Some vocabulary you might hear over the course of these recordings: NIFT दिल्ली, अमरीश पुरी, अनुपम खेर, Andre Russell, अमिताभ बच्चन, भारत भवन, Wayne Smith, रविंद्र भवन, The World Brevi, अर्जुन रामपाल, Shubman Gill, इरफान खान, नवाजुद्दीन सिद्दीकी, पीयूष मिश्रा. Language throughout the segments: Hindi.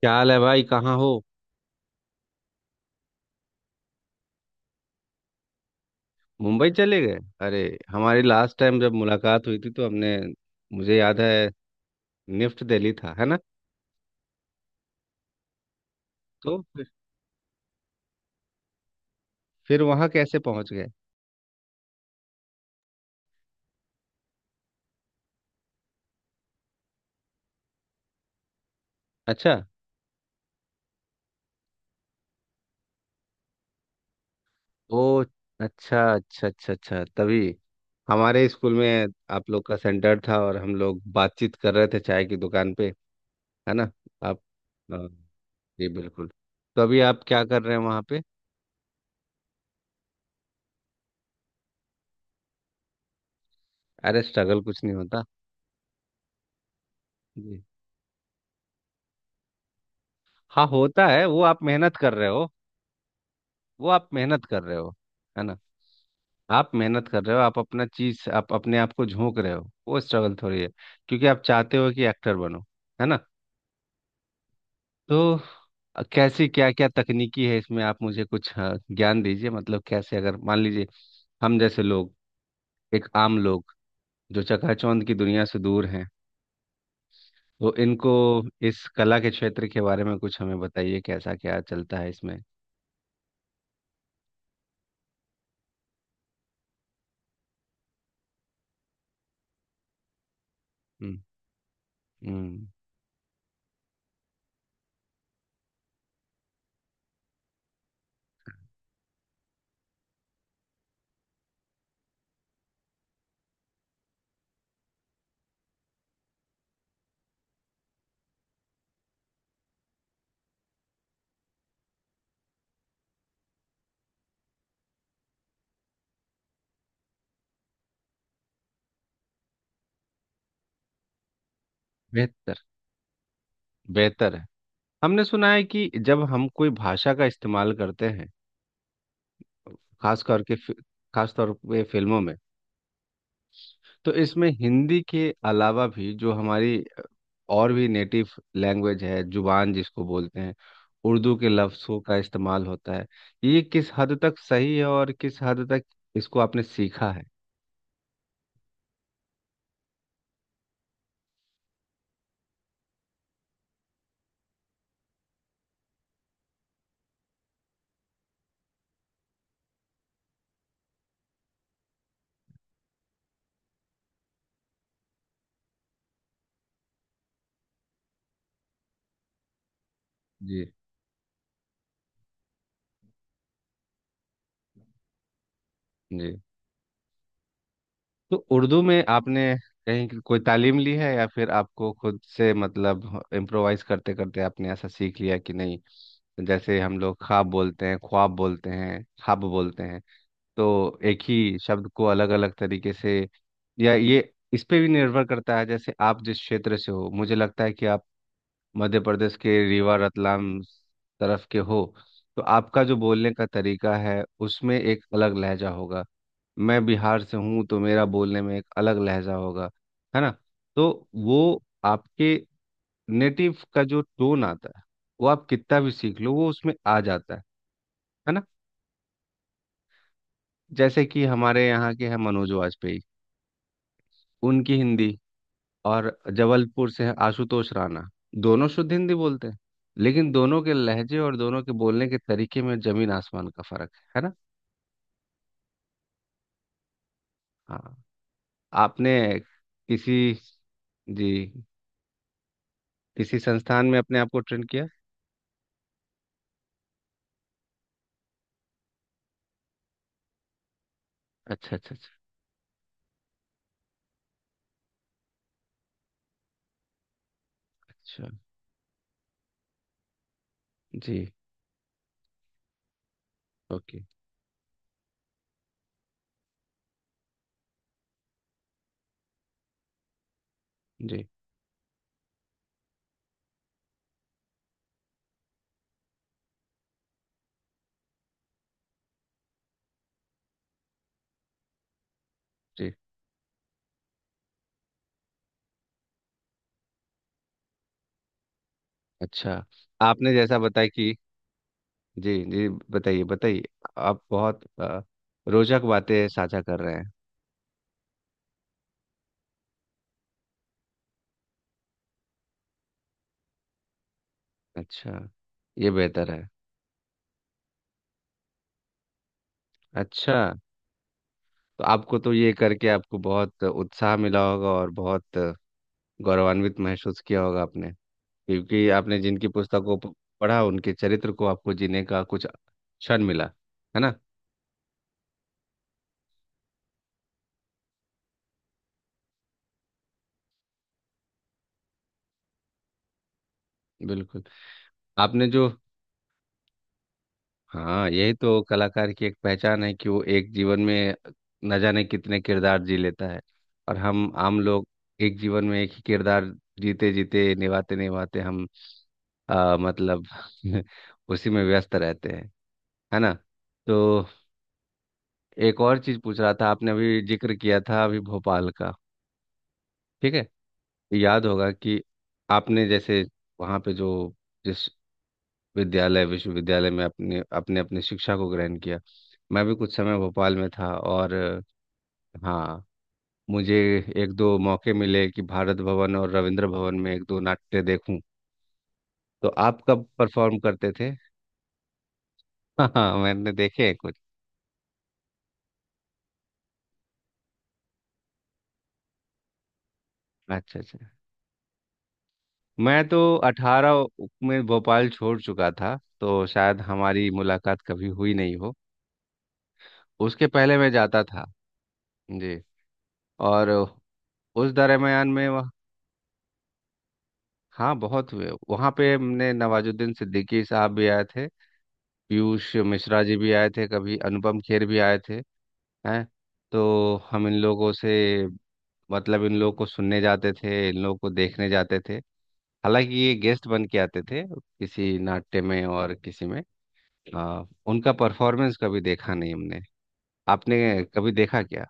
क्या हाल है भाई? कहाँ हो? मुंबई चले गए? अरे। हमारी लास्ट टाइम जब मुलाकात हुई थी तो हमने। मुझे याद है। निफ्ट दिल्ली था, है ना? तो फिर वहाँ कैसे पहुँच गए? अच्छा। ओ। अच्छा अच्छा अच्छा अच्छा, तभी। हमारे स्कूल में आप लोग का सेंटर था और हम लोग बातचीत कर रहे थे चाय की दुकान पे। है ना? आप। हाँ। जी बिल्कुल। तो अभी आप क्या कर रहे हैं वहाँ पे? अरे स्ट्रगल कुछ नहीं होता। जी। हाँ होता है, वो आप मेहनत कर रहे हो। वो आप मेहनत कर रहे हो, है ना? आप मेहनत कर रहे हो, आप अपना चीज, आप अपने आप को झोंक रहे हो, वो स्ट्रगल थोड़ी है। क्योंकि आप चाहते हो कि एक्टर बनो, है ना? तो कैसी, क्या क्या तकनीकी है इसमें? आप मुझे कुछ ज्ञान दीजिए। मतलब कैसे, अगर मान लीजिए हम जैसे लोग, एक आम लोग, जो चकाचौंध की दुनिया से दूर हैं, तो इनको इस कला के क्षेत्र के बारे में कुछ हमें बताइए। कैसा क्या चलता है इसमें? हम्म। हम्म। बेहतर। बेहतर है। हमने सुना है कि जब हम कोई भाषा का इस्तेमाल करते हैं, खास करके फि- खास तौर पे फिल्मों में, तो इसमें हिंदी के अलावा भी जो हमारी और भी नेटिव लैंग्वेज है, जुबान जिसको बोलते हैं, उर्दू के लफ्ज़ों का इस्तेमाल होता है। ये किस हद तक सही है और किस हद तक इसको आपने सीखा है? जी जी। तो उर्दू में आपने कहीं की कोई तालीम ली है, या फिर आपको खुद से, मतलब इम्प्रोवाइज करते करते आपने ऐसा सीख लिया कि नहीं? जैसे हम लोग ख्वाब बोलते हैं, ख्वाब बोलते हैं, ख्वाब बोलते हैं, तो एक ही शब्द को अलग अलग तरीके से। या ये इस पे भी निर्भर करता है जैसे आप जिस क्षेत्र से हो। मुझे लगता है कि आप मध्य प्रदेश के रीवा, रतलाम तरफ के हो। तो आपका जो बोलने का तरीका है उसमें एक अलग लहजा होगा। मैं बिहार से हूँ, तो मेरा बोलने में एक अलग लहजा होगा, है ना? तो वो आपके नेटिव का जो टोन आता है, वो आप कितना भी सीख लो वो उसमें आ जाता है ना? जैसे कि हमारे यहाँ के हैं मनोज वाजपेयी, उनकी हिंदी, और जबलपुर से है आशुतोष राणा। दोनों शुद्ध हिंदी बोलते हैं, लेकिन दोनों के लहजे और दोनों के बोलने के तरीके में जमीन आसमान का फर्क है ना? हाँ। आपने, किसी, जी, किसी संस्थान में अपने आप को ट्रेन किया? अच्छा अच्छा अच्छा अच्छा। जी। ओके। जी जी। अच्छा। आपने जैसा बताया कि, जी जी बताइए बताइए, आप बहुत रोचक बातें साझा कर रहे हैं। अच्छा। ये बेहतर है। अच्छा। तो आपको तो, ये करके आपको बहुत उत्साह मिला होगा और बहुत गौरवान्वित महसूस किया होगा आपने। क्योंकि आपने जिनकी पुस्तकों को पढ़ा, उनके चरित्र को आपको जीने का कुछ क्षण मिला, है ना? बिल्कुल। आपने जो, हाँ, यही तो कलाकार की एक पहचान है कि वो एक जीवन में न जाने कितने किरदार जी लेता है। और हम आम लोग एक जीवन में एक ही किरदार जीते जीते, निभाते निभाते हम, मतलब, उसी में व्यस्त रहते हैं, है ना? तो एक और चीज पूछ रहा था। आपने अभी जिक्र किया था अभी भोपाल का। ठीक है। याद होगा कि आपने जैसे वहाँ पे जो, जिस विद्यालय विश्वविद्यालय में अपने अपने अपने शिक्षा को ग्रहण किया, मैं भी कुछ समय भोपाल में था। और, हाँ, मुझे एक दो मौके मिले कि भारत भवन और रविंद्र भवन में एक दो नाट्य देखूं। तो आप कब परफॉर्म करते थे? हाँ, मैंने देखे हैं कुछ। अच्छा अच्छा। मैं तो 18 में भोपाल छोड़ चुका था, तो शायद हमारी मुलाकात कभी हुई नहीं हो। उसके पहले मैं जाता था। जी। और उस दरमियान में वह, हाँ बहुत हुए। वहाँ पे हमने, नवाजुद्दीन सिद्दीकी साहब भी आए थे, पीयूष मिश्रा जी भी आए थे, कभी अनुपम खेर भी आए थे। हैं। तो हम इन लोगों से, मतलब इन लोगों को सुनने जाते थे, इन लोगों को देखने जाते थे। हालांकि ये गेस्ट बन के आते थे किसी नाट्य में, और किसी में, उनका परफॉर्मेंस कभी देखा नहीं हमने। आपने कभी देखा क्या?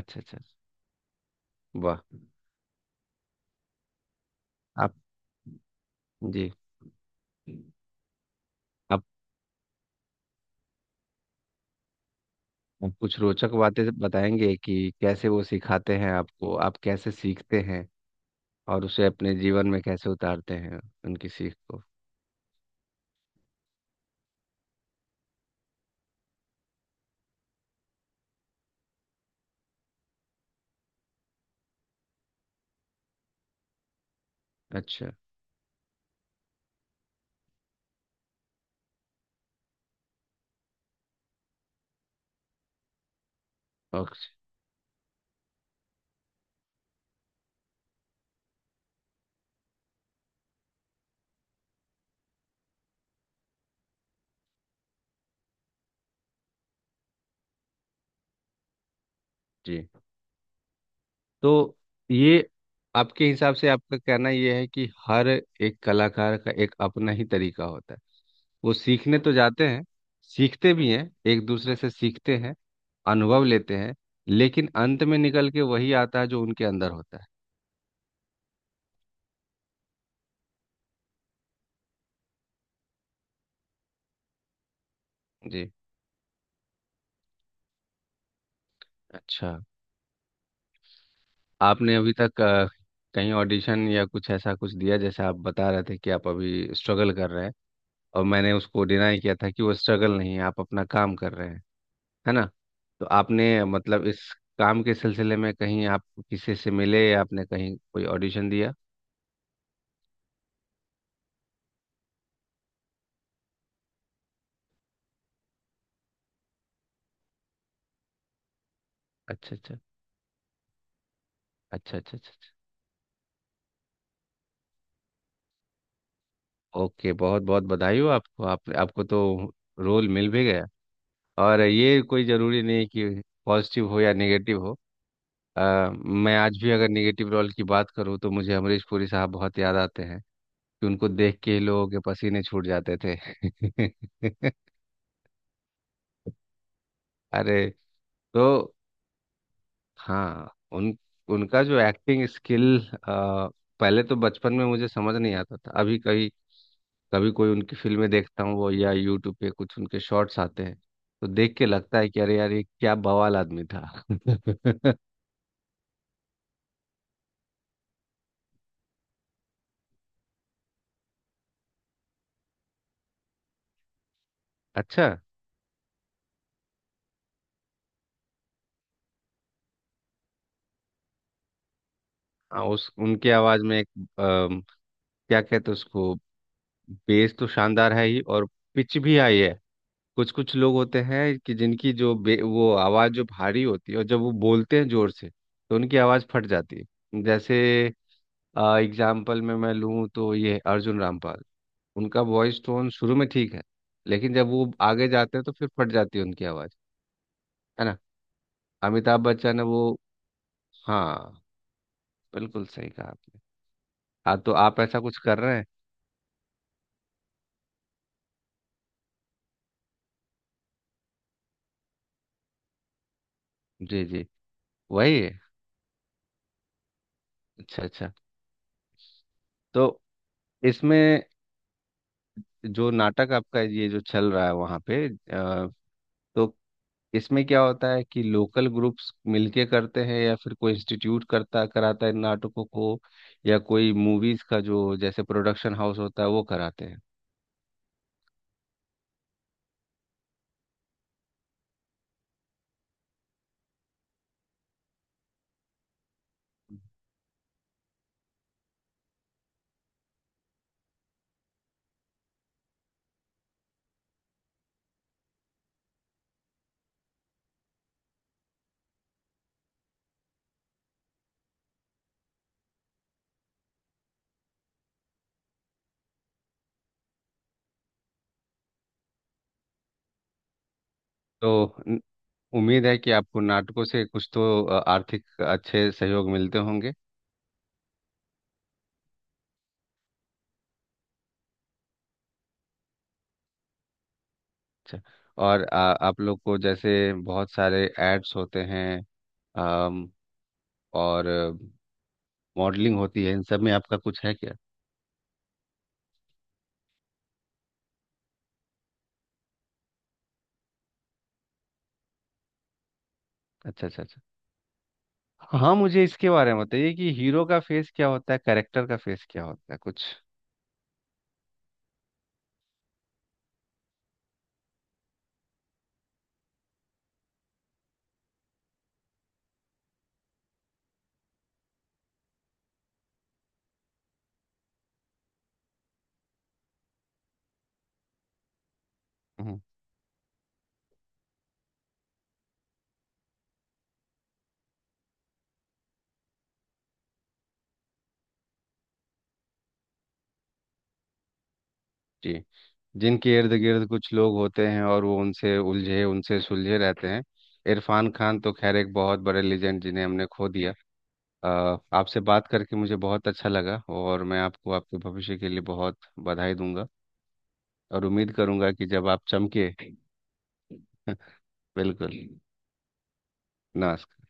अच्छा अच्छा वाह। आप, जी, आप आप कुछ रोचक बातें बताएंगे कि कैसे वो सिखाते हैं आपको, आप कैसे सीखते हैं, और उसे अपने जीवन में कैसे उतारते हैं उनकी सीख को? अच्छा। ओके। जी। तो ये, आपके हिसाब से आपका कहना ये है कि हर एक कलाकार का एक अपना ही तरीका होता है। वो सीखने तो जाते हैं, सीखते भी हैं, एक दूसरे से सीखते हैं, अनुभव लेते हैं, लेकिन अंत में निकल के वही आता है जो उनके अंदर होता है। जी। अच्छा। आपने अभी तक कहीं ऑडिशन या कुछ ऐसा कुछ दिया? जैसे आप बता रहे थे कि आप अभी स्ट्रगल कर रहे हैं, और मैंने उसको डिनाई किया था कि वो स्ट्रगल नहीं है, आप अपना काम कर रहे हैं, है ना? तो आपने, मतलब इस काम के सिलसिले में कहीं आप किसी से मिले, या आपने कहीं कोई ऑडिशन दिया? अच्छा अच्छा अच्छा। अच्छा अच्छा। ओके, बहुत बहुत बधाई हो आपको। आप आपको तो रोल मिल भी गया। और ये कोई ज़रूरी नहीं कि पॉजिटिव हो या नेगेटिव हो। मैं आज भी अगर नेगेटिव रोल की बात करूँ तो मुझे अमरीश पुरी साहब बहुत याद आते हैं कि उनको देख के ही लोगों के पसीने छूट जाते थे। अरे। तो हाँ, उन, उनका जो एक्टिंग स्किल, पहले तो बचपन में मुझे समझ नहीं आता था, अभी कहीं कभी कोई उनकी फिल्में देखता हूँ वो, या यूट्यूब पे कुछ उनके शॉर्ट्स आते हैं, तो देख के लगता है कि अरे यार, ये क्या बवाल आदमी था! अच्छा। हाँ, उस उनके आवाज में एक, अम, क्या कहते हैं उसको, बेस तो शानदार है ही, और पिच भी आई है। कुछ कुछ लोग होते हैं कि जिनकी जो वो आवाज जो भारी होती है, और जब वो बोलते हैं जोर से तो उनकी आवाज फट जाती है। जैसे एग्जाम्पल में मैं लूँ तो ये अर्जुन रामपाल, उनका वॉइस टोन शुरू में ठीक है, लेकिन जब वो आगे जाते हैं तो फिर फट जाती है उनकी आवाज़, है ना? अमिताभ बच्चन है वो। हाँ बिल्कुल सही कहा आपने। हाँ तो आप ऐसा कुछ कर रहे हैं? जी जी। वही है। अच्छा अच्छा। तो इसमें, जो नाटक आपका ये जो चल रहा है वहाँ पे तो इसमें क्या होता है, कि लोकल ग्रुप्स मिलके करते हैं, या फिर कोई इंस्टीट्यूट करता कराता है इन नाटकों को, या कोई मूवीज का जो जैसे प्रोडक्शन हाउस होता है वो कराते हैं? तो उम्मीद है कि आपको नाटकों से कुछ तो आर्थिक अच्छे सहयोग मिलते होंगे। अच्छा। और आप लोग को जैसे बहुत सारे एड्स होते हैं, अम, और मॉडलिंग होती है, इन सब में आपका कुछ है क्या? अच्छा अच्छा अच्छा। हाँ मुझे इसके बारे में बताइए कि हीरो का फेस क्या होता है, कैरेक्टर का फेस क्या होता है, कुछ। हम्म। जी। जिनके इर्द गिर्द कुछ लोग होते हैं और वो उनसे उलझे उनसे सुलझे रहते हैं। इरफान खान तो खैर एक बहुत बड़े लेजेंड, जिन्हें हमने खो दिया। अ, आपसे बात करके मुझे बहुत अच्छा लगा, और मैं आपको आपके भविष्य के लिए बहुत बधाई दूंगा, और उम्मीद करूंगा कि जब आप चमके। बिल्कुल। नमस्कार।